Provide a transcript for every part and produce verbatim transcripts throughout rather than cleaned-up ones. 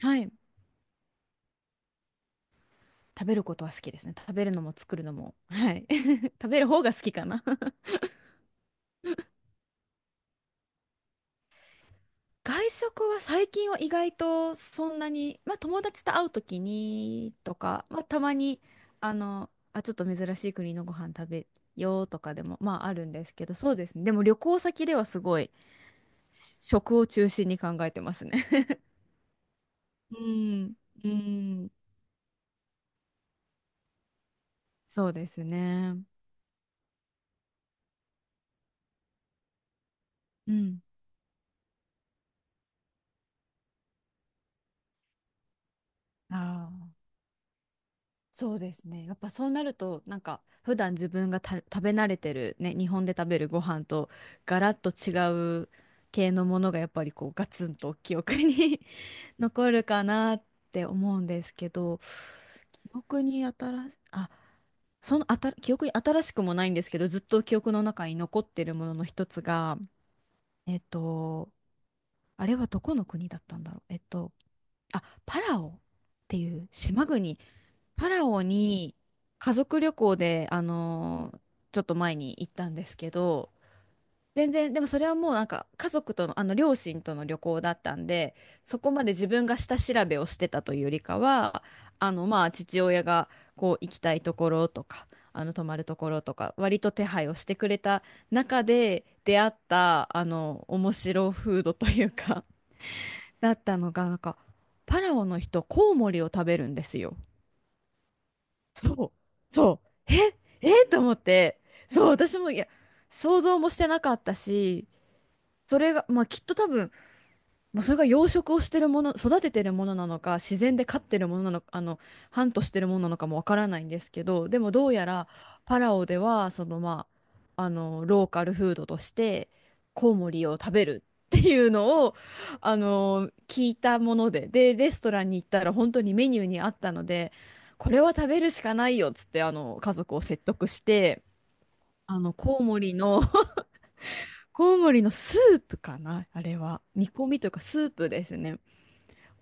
はい。食べることは好きですね。食べるのも作るのも。はい。食べる方が好きかな。外食は最近は意外とそんなに、まあ友達と会うときにとか、まあたまに、あの、あ、ちょっと珍しい国のご飯食べようとかでも、まああるんですけど、そうですね。でも旅行先ではすごい食を中心に考えてますね。うん、うん、そうですね。うん。ああ。そうですね。やっぱそうなると、なんか普段自分がた食べ慣れてるね、日本で食べるご飯とガラッと違う系のものがやっぱりこうガツンと記憶に 残るかなって思うんですけど、記憶に新し、あ、そのあた、記憶に新しくもないんですけど、ずっと記憶の中に残ってるものの一つが、えっと、あれはどこの国だったんだろう。えっと、あ、パラオっていう島国パラオに家族旅行で、あのーちょっと前に行ったんですけど、全然、でもそれはもうなんか家族との、あの両親との旅行だったんで、そこまで自分が下調べをしてたというよりかは、あのまあ父親がこう行きたいところとか、あの泊まるところとか、割と手配をしてくれた中で出会った、あの、面白フードというか、だったのが、なんか、パラオの人、コウモリを食べるんですよ。そう、そう、え、えと思って、そう、私も、いや、想像もしてなかったし、それが、まあ、きっと多分、まあ、それが養殖をしてるもの、育ててるものなのか、自然で飼ってるものなのか、あの、ハントしてるものなのかもわからないんですけど、でもどうやらパラオでは、そのまあ、あの、ローカルフードとして、コウモリを食べるっていうのを、あの、聞いたもので、で、レストランに行ったら本当にメニューにあったので、これは食べるしかないよっつって、あの、家族を説得して、あの、コウモリの、コウモリのスープかな、あれは。煮込みというかスープですね。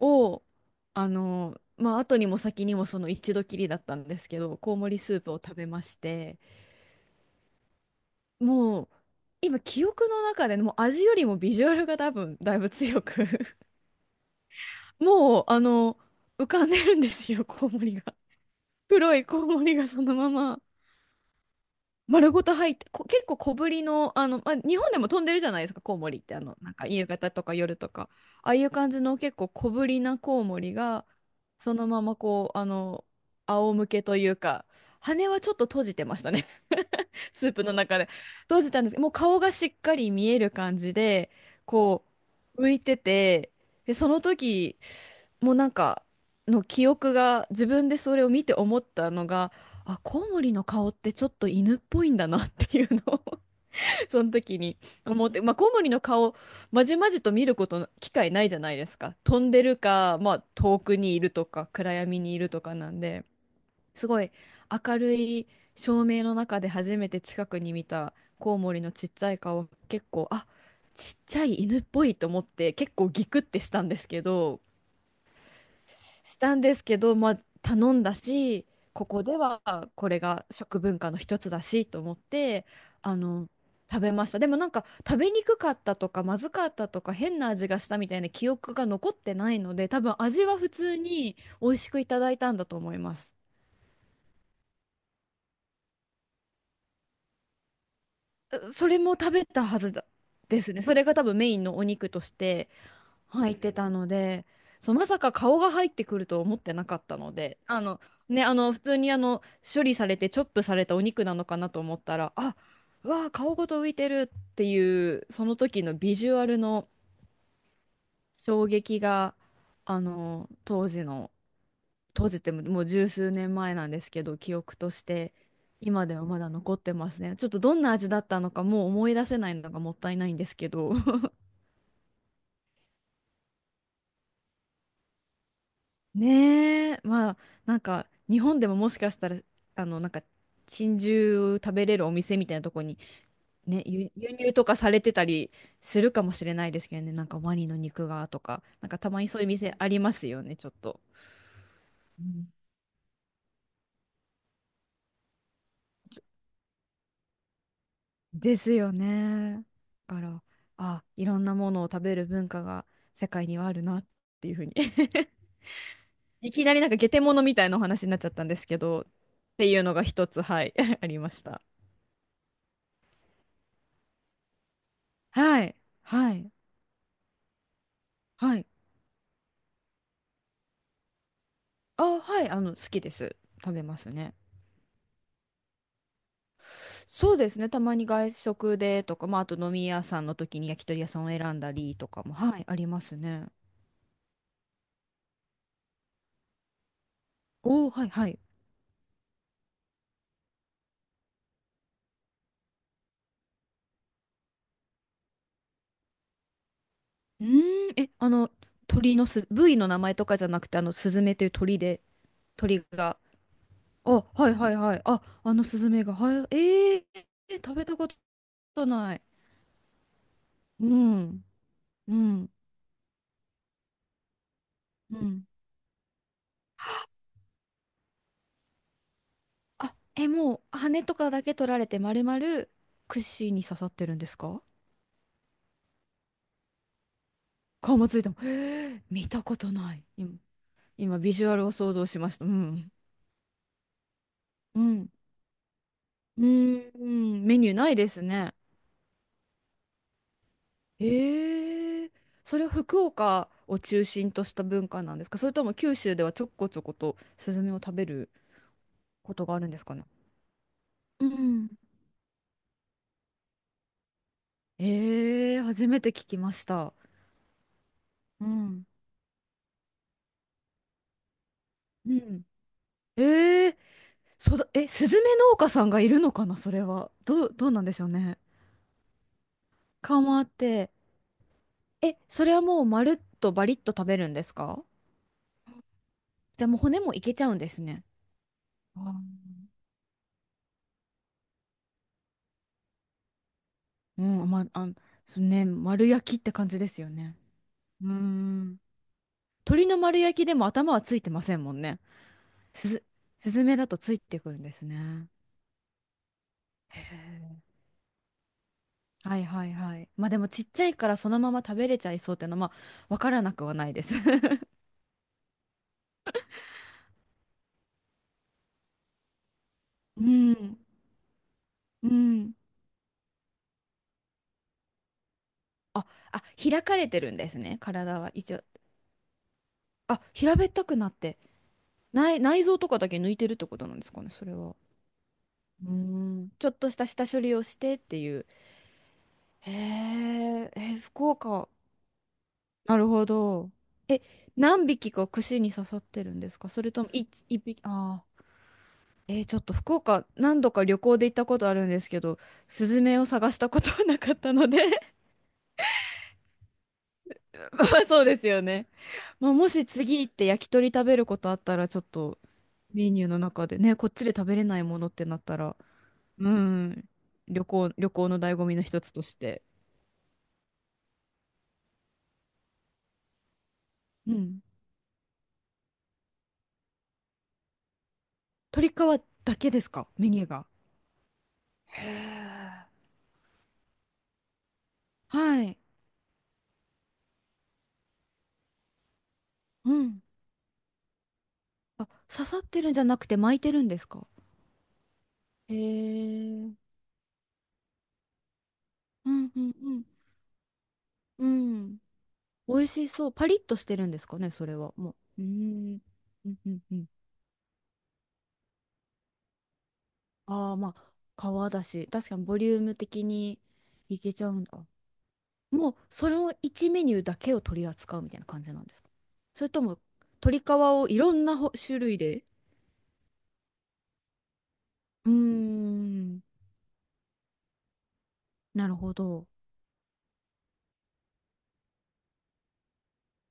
を、あの、まあ、後にも先にもその一度きりだったんですけど、コウモリスープを食べまして、もう、今、記憶の中でね、もう味よりもビジュアルが多分、だいぶ強く もう、あの、浮かんでるんですよ、コウモリが。黒いコウモリがそのまま。丸ごと入って、こ、結構小ぶりの、あの、まあ、日本でも飛んでるじゃないですか、コウモリって、あの、なんか夕方とか夜とか、ああいう感じの結構小ぶりなコウモリが、そのままこう、あの、仰向けというか、羽はちょっと閉じてましたね。スープの中で閉じたんですけど、もう顔がしっかり見える感じで、こう、浮いてて、で、その時、もうなんか、の記憶が、自分でそれを見て思ったのが、あ、コウモリの顔ってちょっと犬っぽいんだなっていうのを その時に思って、まあ、コウモリの顔、まじまじと見ることの、機会ないじゃないですか。飛んでるか、まあ、遠くにいるとか、暗闇にいるとかなんで。すごい明るい照明の中で初めて近くに見たコウモリのちっちゃい顔、結構あちっちゃい犬っぽいと思って結構ギクってしたんですけど、したんですけど、まあ頼んだし、ここではこれが食文化の一つだしと思って、あの食べました。でもなんか食べにくかったとか、まずかったとか、変な味がしたみたいな記憶が残ってないので、多分味は普通に美味しくいただいたんだと思います。それも食べたはずだですね。それが多分メインのお肉として入ってたので、そう、まさか顔が入ってくると思ってなかったので、あの、ね、あの、普通にあの、処理されてチョップされたお肉なのかなと思ったら、あ、うわあ顔ごと浮いてるっていう、その時のビジュアルの衝撃が、あの、当時の閉じてももう十数年前なんですけど、記憶として今ではまだ残ってますね。ちょっとどんな味だったのかもう思い出せないのがもったいないんですけど。ねえ、まあなんか日本でももしかしたらあのなんか珍獣食べれるお店みたいなとこにね、輸輸入とかされてたりするかもしれないですけどね。なんかワニの肉がとか、なんかたまにそういう店ありますよね、ちょっと。うんですよね。だから、あ、いろんなものを食べる文化が世界にはあるなっていうふうに いきなりなんか下手者みたいなお話になっちゃったんですけど、っていうのが一つ、はい、ありました。はい、はい、はい。あ、はい、あの、好きです。食べますね。そうですね、たまに外食でとか、まあ、あと飲み屋さんの時に焼き鳥屋さんを選んだりとかも、はい、ありますね。おー、はい、はい。うーん、え、あの、鳥のす、部位の名前とかじゃなくて、あの、スズメという鳥で、鳥が。あ、はいはいはい。あ、あのスズメが。はい、えー、え食べたことない。うん、うん、うん。あ、え、もう、羽とかだけ取られて、丸々、串に刺さってるんですか？顔もついても。えー、見たことない。今、今ビジュアルを想像しました。うん。うん。うーん、メニューないですね。ええ、それは福岡を中心とした文化なんですか？それとも九州ではちょこちょことスズメを食べることがあるんですかね？うん。ええ、初めて聞きました。うん。うん。ええ、そだ、え、スズメ農家さんがいるのかな、それは。どう、どうなんでしょうね。かまって。え、それはもうまるっとバリッと食べるんですか？じゃあもう骨もいけちゃうんですね。あー、うん、ま、あ、そうね、丸焼きって感じですよね。うーん。鳥の丸焼きでも頭はついてませんもんね。すず、スズメだとついてくるんですね。へえ。はいはいはい。まあでもちっちゃいからそのまま食べれちゃいそうっていうのは、まあ、わからなくはないです。うん。うん。あ、あ、開かれてるんですね。体は一応。あ、平べったくなって。内、内臓とかだけ抜いてるってことなんですかね、それは。うん。ちょっとした下処理をしてっていう。へえ、え、福岡。なるほど。え、何匹か串に刺さってるんですか？それとも一、一匹、ああ。えー、ちょっと福岡何度か旅行で行ったことあるんですけど、スズメを探したことはなかったので まあそうですよね。まあ、もし次行って焼き鳥食べることあったら、ちょっとメニューの中でね、こっちで食べれないものってなったら、うん、旅行、旅行の醍醐味の一つとして。うん。鶏皮だけですか？メニューが。へえ。はい。うん。あ、刺さってるんじゃなくて巻いてるんですか？へえ。うんうんうん。うん。美味しそう。パリッとしてるんですかね、それは。もう。うーん。うんうんうん。ああ、まあ、皮だし、確かにボリューム的にいけちゃうんだ。もう、そのいちメニューだけを取り扱うみたいな感じなんですか？それとも、鶏皮をいろんなほ種類でうーん。なるほど。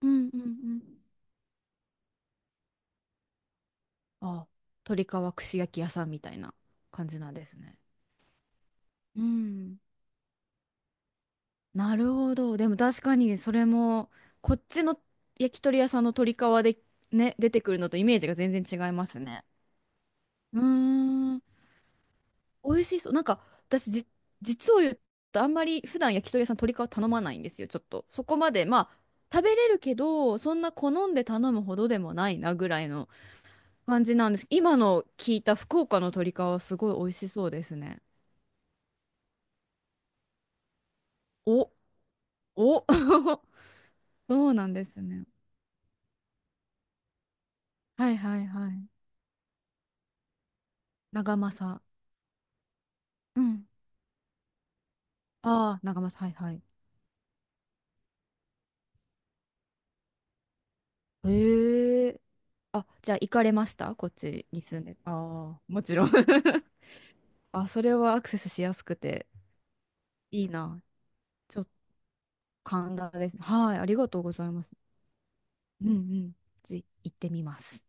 うんうんうん。ああ、鶏皮串焼き屋さんみたいな感じなんですね。うん。なるほど。でも確かにそれも、こっちの焼き鳥屋さんの鶏皮でね、出てくるのとイメージが全然違いますね。うーん。美味しそう。なんか私じ、実を言うとあんまり普段焼き鳥屋さん鶏皮頼まないんですよ。ちょっと。そこまで、まあ、食べれるけど、そんな好んで頼むほどでもないなぐらいの感じなんです。今の聞いた福岡の鶏皮はすごい美味しそうですね。お、お、そうなんですね。はいはいはい。長政。うん。ああ、長政。はいはい。へえ。あ、じゃあ行かれましたこっちに住んで。ああ、もちろん あ、それはアクセスしやすくていいな。ちょっと神田ですね。はい、ありがとうございます。うんうん。ぜひ行ってみます。